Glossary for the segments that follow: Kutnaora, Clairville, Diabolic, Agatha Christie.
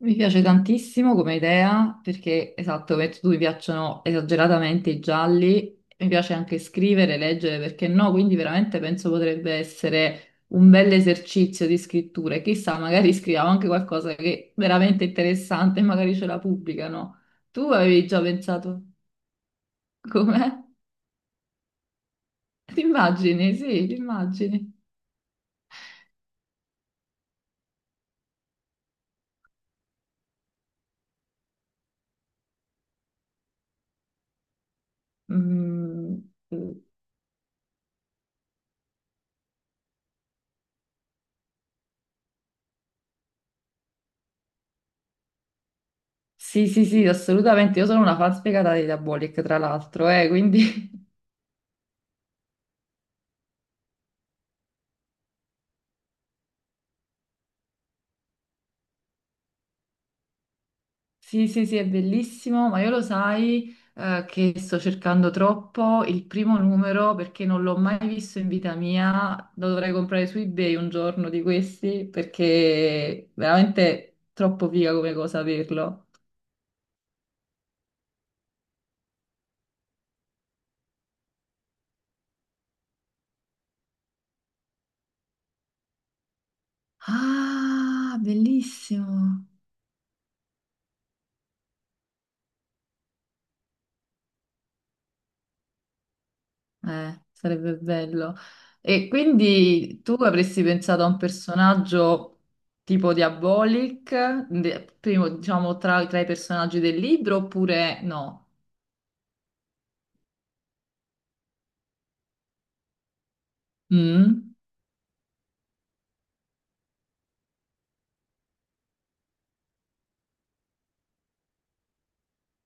Mi piace tantissimo come idea perché, esatto, come hai detto tu mi piacciono esageratamente i gialli, mi piace anche scrivere, leggere, perché no? Quindi veramente penso potrebbe essere un bel esercizio di scrittura. E chissà, magari scriviamo anche qualcosa che è veramente interessante e magari ce la pubblicano. Tu avevi già pensato com'è? Ti immagini, sì, ti immagini. Mm, sì, sì, sì, assolutamente. Io sono una fan spiegata di Diabolic, tra l'altro, quindi... Sì, sì, sì, è bellissimo, ma io lo sai, che sto cercando troppo il primo numero perché non l'ho mai visto in vita mia. Lo dovrei comprare su eBay un giorno di questi perché veramente troppo figa come cosa averlo. Ah, bellissimo. Sarebbe bello. E quindi tu avresti pensato a un personaggio tipo Diabolic, primo, diciamo, tra i personaggi del libro oppure no? Mm,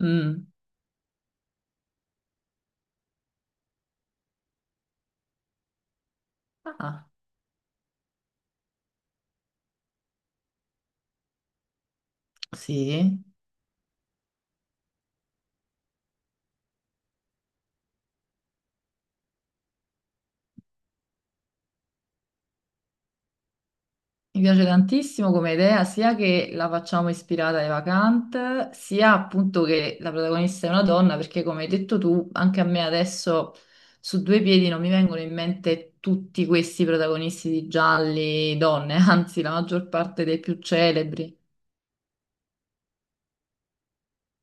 mm. Ah, sì, mi piace tantissimo come idea, sia che la facciamo ispirata ai vacant, sia appunto che la protagonista è una donna, perché come hai detto tu, anche a me adesso su due piedi non mi vengono in mente tutti questi protagonisti di gialli donne, anzi la maggior parte dei più celebri.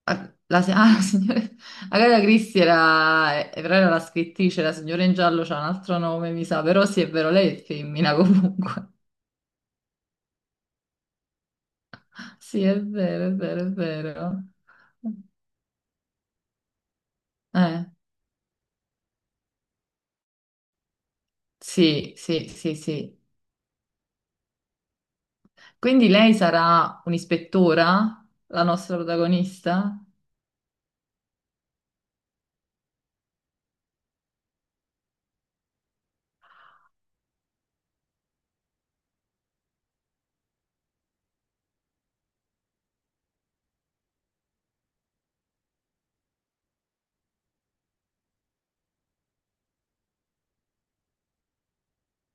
Ah, la, ah, la signora Agatha Christie era, però era la scrittrice, la signora in giallo c'ha un altro nome, mi sa, però sì, è vero, lei è femmina comunque. Sì, è vero, è vero, è vero. Eh, sì, sì, sì, sì. Quindi lei sarà un'ispettora, la nostra protagonista?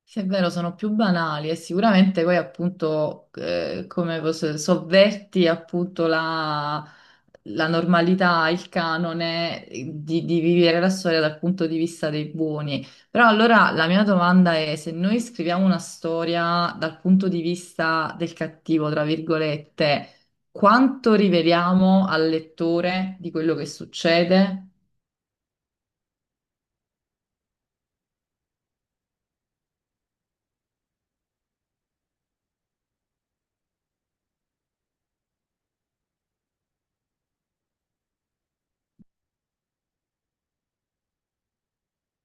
Sì, è vero, sono più banali e sicuramente poi appunto sovverti appunto la normalità, il canone di vivere la storia dal punto di vista dei buoni. Però allora la mia domanda è se noi scriviamo una storia dal punto di vista del cattivo, tra virgolette, quanto riveliamo al lettore di quello che succede?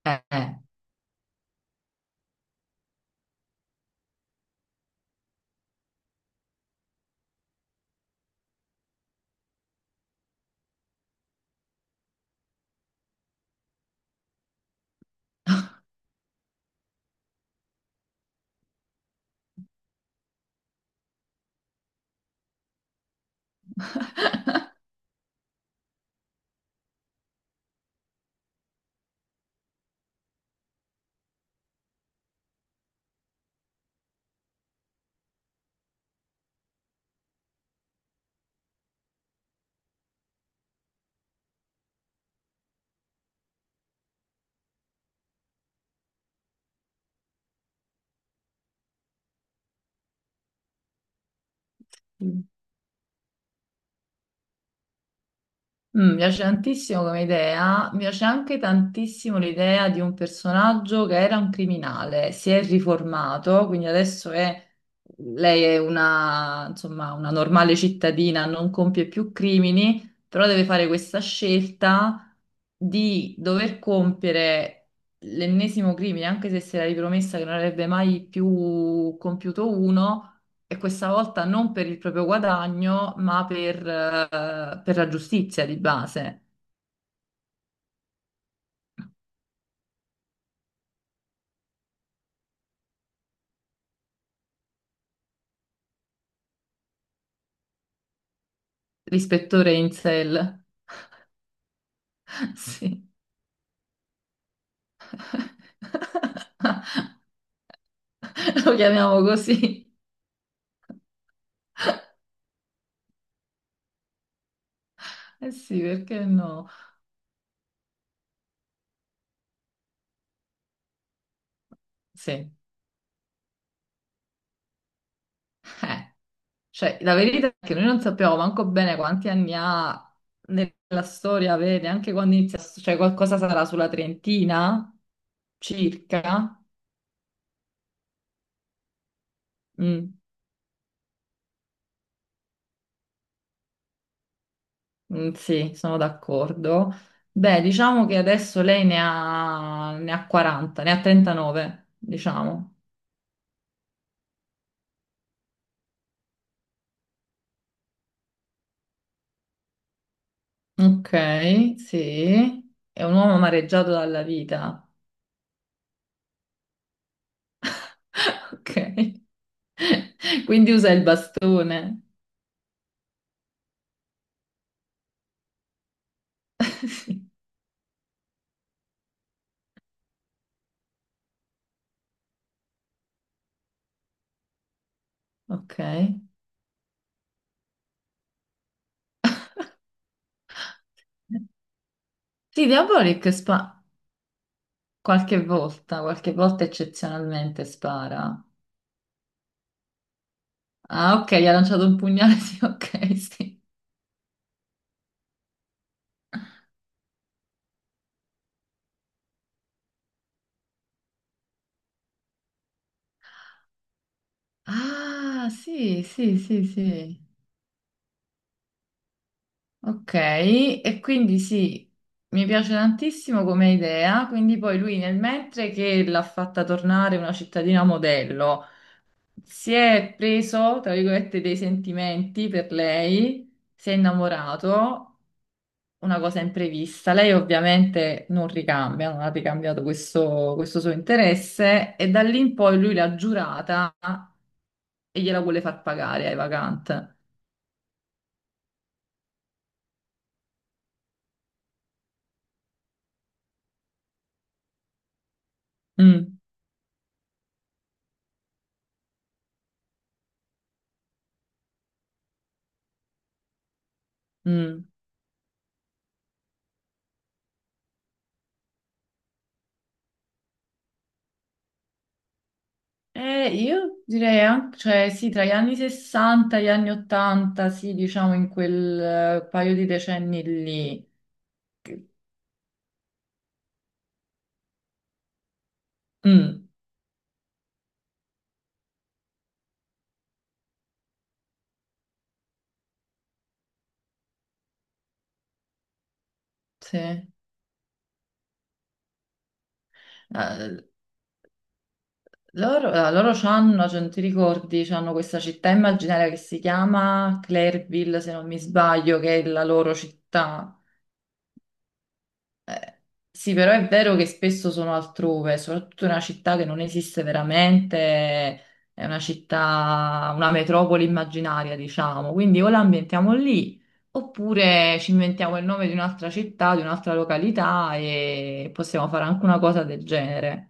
Eh. Mm, mi piace tantissimo come idea, mi piace anche tantissimo l'idea di un personaggio che era un criminale, si è riformato, quindi adesso è, lei è una, insomma, una normale cittadina, non compie più crimini, però deve fare questa scelta di dover compiere l'ennesimo crimine, anche se si era ripromessa che non avrebbe mai più compiuto uno e questa volta non per il proprio guadagno, ma per la giustizia di base. L'ispettore Insel, sì, lo chiamiamo così. Eh sì, perché no? Sì, eh. Cioè, la verità è che noi non sappiamo manco bene quanti anni ha nella storia, vedi, anche quando inizia, cioè qualcosa sarà sulla trentina, circa. Mm. Mm, sì, sono d'accordo. Beh, diciamo che adesso lei ne ha, ne ha 40, ne ha 39, diciamo. Ok, sì. È un uomo amareggiato dalla vita. Ok. Quindi usa il bastone. Sì, ok. Sì, Diabolik spa qualche volta eccezionalmente spara. Ah, ok, gli ha lanciato un pugnale, sì, ok, sì. Ah, sì, sì, sì, sì. Ok, e quindi sì, mi piace tantissimo come idea, quindi poi lui nel mentre che l'ha fatta tornare una cittadina modello, si è preso, tra virgolette, dei sentimenti per lei, si è innamorato, una cosa imprevista, lei ovviamente non ricambia, non ha ricambiato questo, questo suo interesse e da lì in poi lui l'ha giurata e gliela vuole far pagare ai vacant. Mm, mm. Io direi anche, cioè sì, tra gli anni 60 e gli anni 80, sì, diciamo in quel paio di decenni lì. Che- Mm, sì. Loro c'hanno, cioè, non ti ricordi, c'hanno questa città immaginaria che si chiama Clairville, se non mi sbaglio, che è la loro città. Eh, sì, però è vero che spesso sono altrove, soprattutto in una città che non esiste veramente, è una città, una metropoli immaginaria, diciamo. Quindi o la ambientiamo lì, oppure ci inventiamo il nome di un'altra città, di un'altra località e possiamo fare anche una cosa del genere.